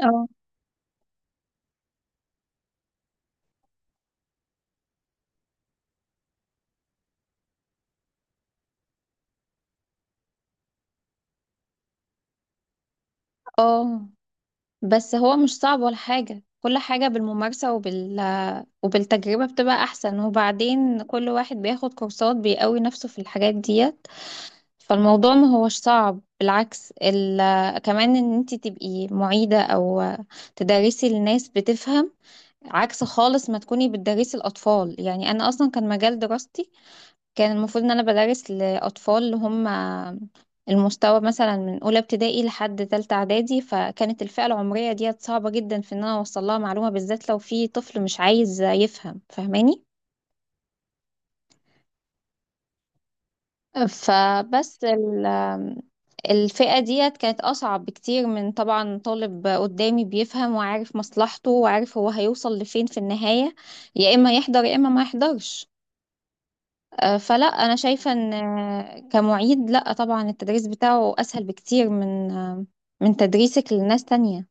اه اه. بس هو مش صعب ولا حاجة، كل حاجة بالممارسة وبالتجربة بتبقى أحسن. وبعدين كل واحد بياخد كورسات بيقوي نفسه في الحاجات ديت. فالموضوع ما هوش صعب بالعكس. كمان ان انت تبقي معيدة او تدرسي لناس بتفهم، عكس خالص ما تكوني بتدرسي الأطفال. يعني أنا أصلا كان مجال دراستي كان المفروض ان انا بدرس لاطفال اللي هم المستوى مثلا من اولى ابتدائي لحد تالتة اعدادي، فكانت الفئة العمرية ديت صعبة جدا في ان انا اوصل لها معلومة، بالذات لو في طفل مش عايز يفهم، فاهماني؟ فبس الفئة ديت كانت أصعب بكتير من طبعا طالب قدامي بيفهم وعارف مصلحته وعارف هو هيوصل لفين في النهاية، يا إما يحضر يا إما ما يحضرش. فلا انا شايفه ان كمعيد لا طبعا التدريس بتاعه اسهل بكتير من من تدريسك لناس تانية.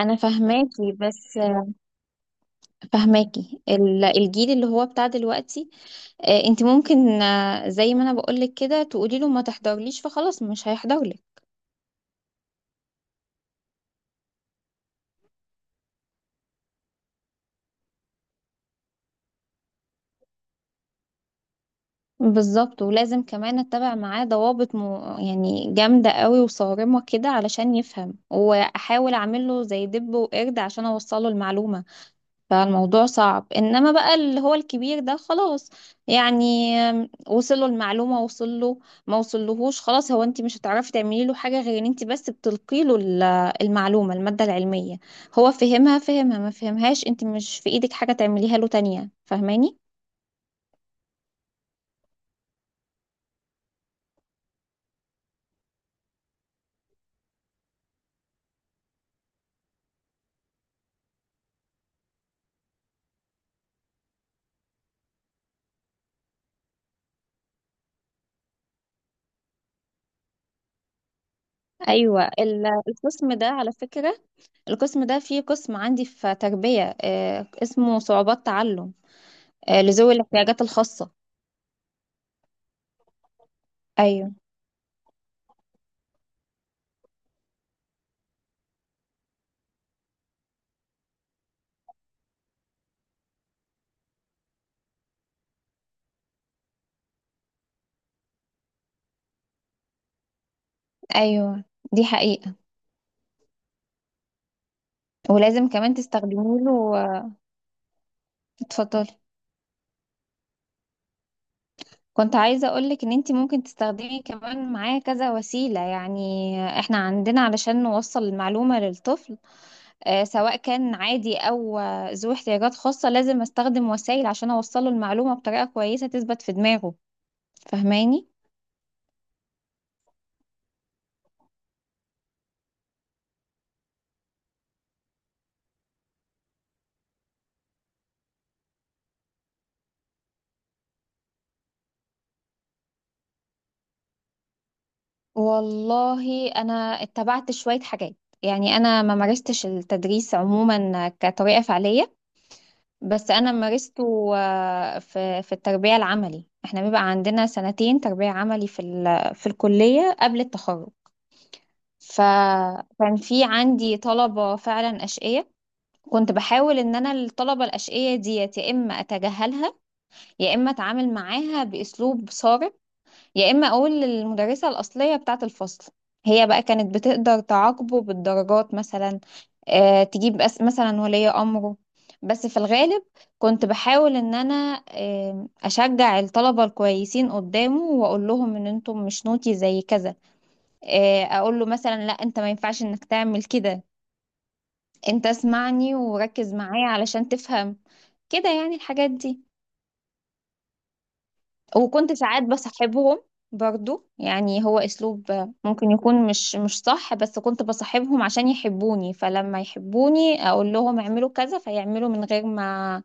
انا فهماكي بس فهماكي الجيل اللي هو بتاع دلوقتي. انت ممكن زي ما انا بقولك كده تقولي له ما تحضرليش فخلاص مش هيحضرلك. بالظبط. ولازم كمان اتبع معاه ضوابط يعني جامده قوي وصارمه كده علشان يفهم، واحاول اعمله زي دب وقرد عشان اوصله المعلومه. فالموضوع صعب انما بقى اللي هو الكبير ده خلاص. يعني وصله المعلومة وصله، ما وصلهوش خلاص، هو انت مش هتعرفي تعملي له حاجة غير ان انت بس بتلقي له المعلومة المادة العلمية. هو فهمها فهمها ما فهمهاش، انت مش في ايدك حاجة تعمليها له تانية، فاهماني؟ ايوه. القسم ده على فكرة القسم ده فيه قسم عندي في تربية، اسمه صعوبات تعلم، لذوي الاحتياجات الخاصة. ايوه. ايوه دي حقيقة. ولازم كمان تستخدمي له. اتفضلي. كنت عايزة أقولك إن أنتي ممكن تستخدمي كمان معاه كذا وسيلة. يعني إحنا عندنا علشان نوصل المعلومة للطفل، سواء كان عادي أو ذو احتياجات خاصة، لازم أستخدم وسائل عشان أوصله المعلومة بطريقة كويسة تثبت في دماغه. فاهماني؟ والله أنا اتبعت شوية حاجات. يعني أنا ما مارستش التدريس عموما كطريقة فعلية. بس انا مارسته في التربية العملي. احنا بيبقى عندنا سنتين تربية عملي في الكلية قبل التخرج. فكان في عندي طلبة فعلا أشقية. كنت بحاول ان انا الطلبة الأشقية ديت يا اما اتجاهلها يا اما اتعامل معاها بأسلوب صارم يا اما اقول للمدرسه الاصليه بتاعه الفصل. هي بقى كانت بتقدر تعاقبه بالدرجات مثلا، تجيب أس مثلا ولي امره. بس في الغالب كنت بحاول ان انا اشجع الطلبه الكويسين قدامه واقول لهم ان انتم مش نوتي زي كذا. اقول له مثلا لا انت ما ينفعش انك تعمل كده. انت اسمعني وركز معايا علشان تفهم، كده يعني الحاجات دي. وكنت ساعات بصاحبهم برضو، يعني هو اسلوب ممكن يكون مش صح، بس كنت بصاحبهم عشان يحبوني، فلما يحبوني اقول لهم اعملوا كذا فيعملوا من غير ما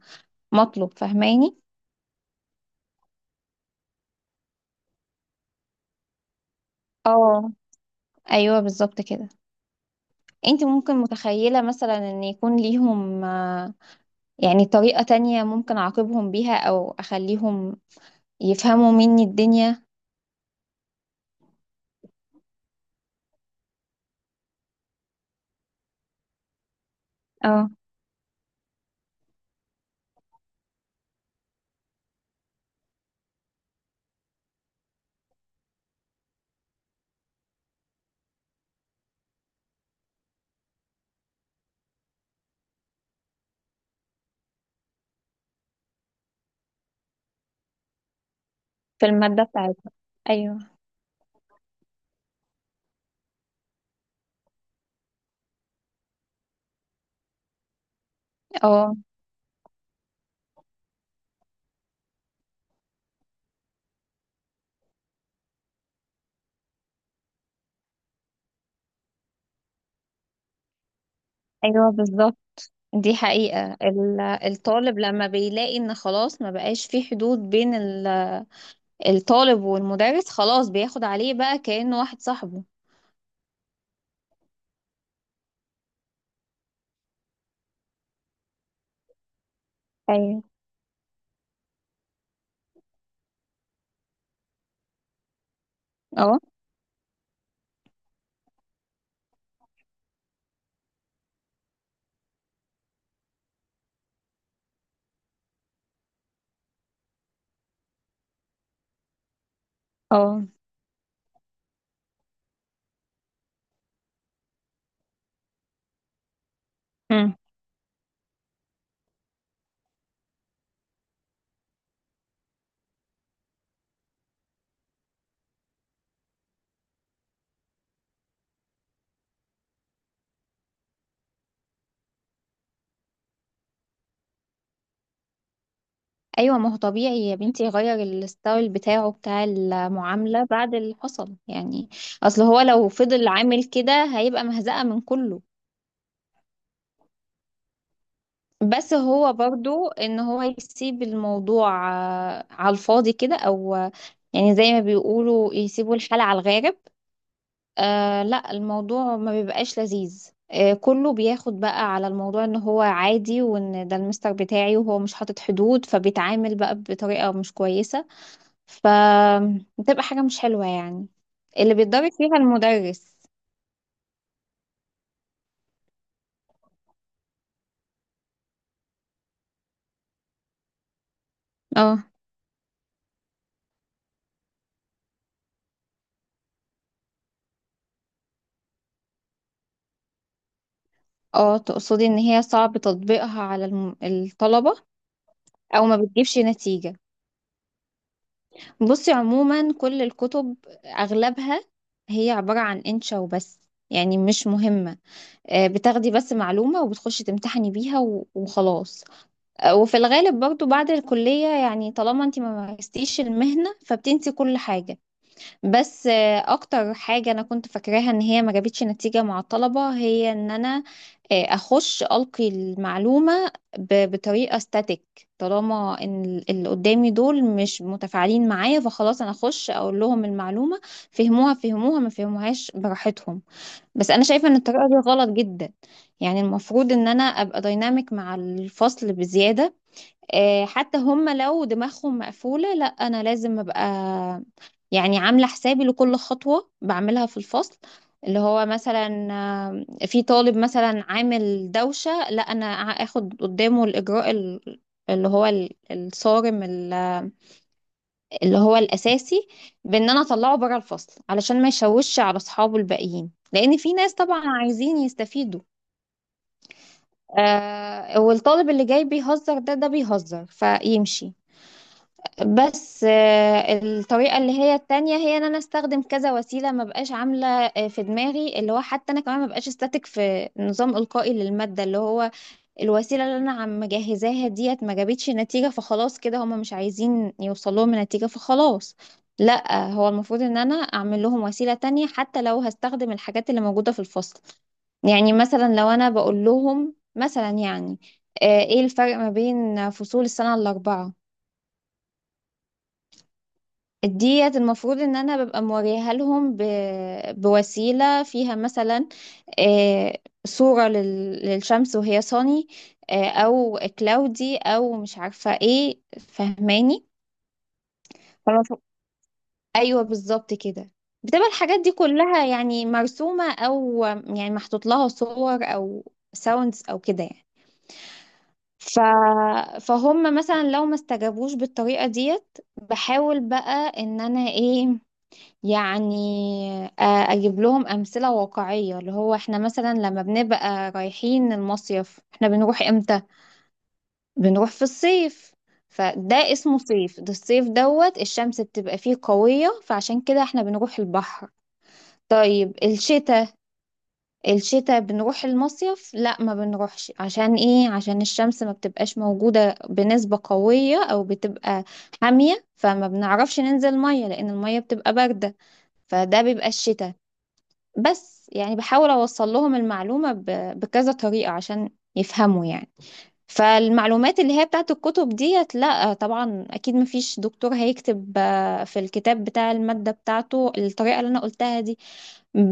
مطلب. فاهماني؟ اه. ايوه بالظبط كده. انت ممكن متخيلة مثلا ان يكون ليهم يعني طريقة تانية ممكن اعاقبهم بيها او اخليهم يفهموا مني الدنيا؟ اه. في المادة بتاعتي. ايوه. اه. ايوه بالظبط. دي حقيقة. الطالب لما بيلاقي ان خلاص ما بقاش في حدود بين الطالب والمدرس، خلاص بياخد عليه بقى كأنه واحد صاحبه. ايوه. اه. اه. مم. ايوه ما هو طبيعي يا بنتي يغير الستايل بتاعه بتاع المعاملة بعد اللي حصل يعني. اصل هو لو فضل عامل كده هيبقى مهزقة من كله. بس هو برضو ان هو يسيب الموضوع على الفاضي كده او يعني زي ما بيقولوا يسيبوا الحالة على الغارب. لا الموضوع ما بيبقاش لذيذ. كله بياخد بقى على الموضوع ان هو عادي وان ده المستر بتاعي وهو مش حاطط حدود، فبيتعامل بقى بطريقة مش كويسة. فبتبقى حاجة مش حلوة يعني، اللي بيتضرب فيها المدرس. اه. اه. تقصدي ان هي صعب تطبيقها على الطلبة؟ او ما بتجيبش نتيجة؟ بصي عموما كل الكتب اغلبها هي عبارة عن انشا وبس، يعني مش مهمة. بتاخدي بس معلومة وبتخشي تمتحني بيها و- وخلاص. وفي الغالب برضو بعد الكلية، يعني طالما انت ما مارستيش المهنة فبتنسي كل حاجة. بس اكتر حاجة انا كنت فاكراها ان هي ما جابتش نتيجة مع الطلبة هي ان انا اخش القي المعلومة ب- بطريقة ستاتيك. طالما ان اللي قدامي دول مش متفاعلين معايا فخلاص انا اخش اقول لهم المعلومة، فهموها فهموها ما فهموهاش براحتهم. بس انا شايفه ان الطريقه دي غلط جدا. يعني المفروض ان انا ابقى دايناميك مع الفصل بزياده. حتى هم لو دماغهم مقفوله لا انا لازم ابقى يعني عامله حسابي لكل خطوه بعملها في الفصل. اللي هو مثلا في طالب مثلا عامل دوشه، لا انا اخد قدامه الاجراء اللي هو الصارم اللي هو الاساسي، بان انا اطلعه بره الفصل علشان ما يشوش على اصحابه الباقيين، لان في ناس طبعا عايزين يستفيدوا. والطالب اللي جاي بيهزر ده بيهزر فيمشي. بس الطريقة اللي هي التانية هي ان انا استخدم كذا وسيلة، ما بقاش عاملة في دماغي اللي هو حتى انا كمان ما بقاش استاتيك في نظام القائي للمادة. اللي هو الوسيلة اللي انا عم مجهزاها ديت ما جابتش نتيجة فخلاص كده، هما مش عايزين يوصلوا لهم نتيجة فخلاص. لا هو المفروض ان انا اعمل لهم وسيلة تانية حتى لو هستخدم الحاجات اللي موجودة في الفصل. يعني مثلا لو انا بقول لهم مثلا يعني ايه الفرق ما بين فصول السنة الأربعة ديت؟ المفروض ان انا ببقى موريها لهم ب... بوسيلة فيها مثلا، آه، صورة لل... للشمس وهي صاني، او كلاودي او مش عارفة ايه، فهماني؟ فالمفروض. ايوه بالظبط كده. بتبقى الحاجات دي كلها يعني مرسومة او يعني محطوط لها صور او ساوندز او كده يعني. ف... فهم مثلا لو ما استجابوش بالطريقة ديت بحاول بقى ان انا ايه، يعني آه، اجيب لهم امثله واقعيه. اللي هو احنا مثلا لما بنبقى رايحين المصيف احنا بنروح امتى؟ بنروح في الصيف. فده اسمه صيف، ده الصيف دوت الشمس بتبقى فيه قويه فعشان كده احنا بنروح البحر. طيب الشتاء، الشتاء بنروح المصيف؟ لا ما بنروحش. عشان ايه؟ عشان الشمس ما بتبقاش موجوده بنسبه قويه او بتبقى حاميه، فما بنعرفش ننزل ميه لان الميه بتبقى بارده. فده بيبقى الشتاء. بس يعني بحاول أوصل لهم المعلومة ب- بكذا طريقة عشان يفهموا يعني. فالمعلومات اللي هي بتاعت الكتب ديت لا طبعا أكيد مفيش دكتور هيكتب في الكتاب بتاع المادة بتاعته الطريقة اللي أنا قلتها دي.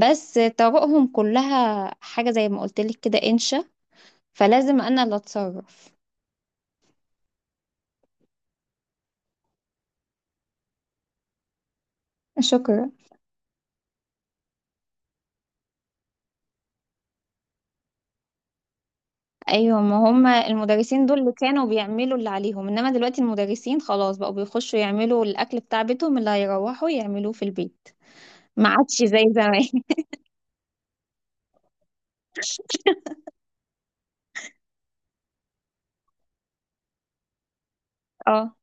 بس طرقهم كلها حاجة زي ما قلتلك كده إنشا، فلازم أنا اللي أتصرف. شكرا. ايوه ما هم المدرسين دول اللي كانوا بيعملوا اللي عليهم انما دلوقتي المدرسين خلاص بقوا بيخشوا يعملوا الاكل بتاع بيتهم اللي هيروحوا يعملوه في البيت. ما عادش زي زمان. اه.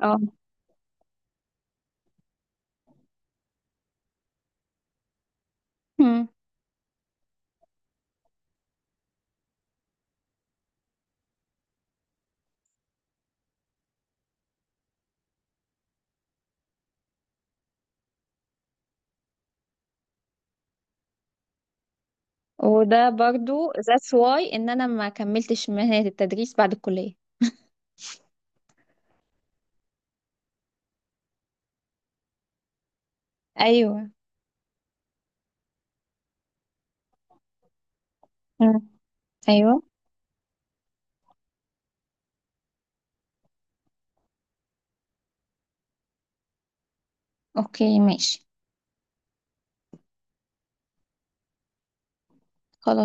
اه. مم. وده برضو that's why ان انا ما كملتش مهنة التدريس بعد الكلية. ايوه. مم. ايوه. اوكي ماشي. خلاص.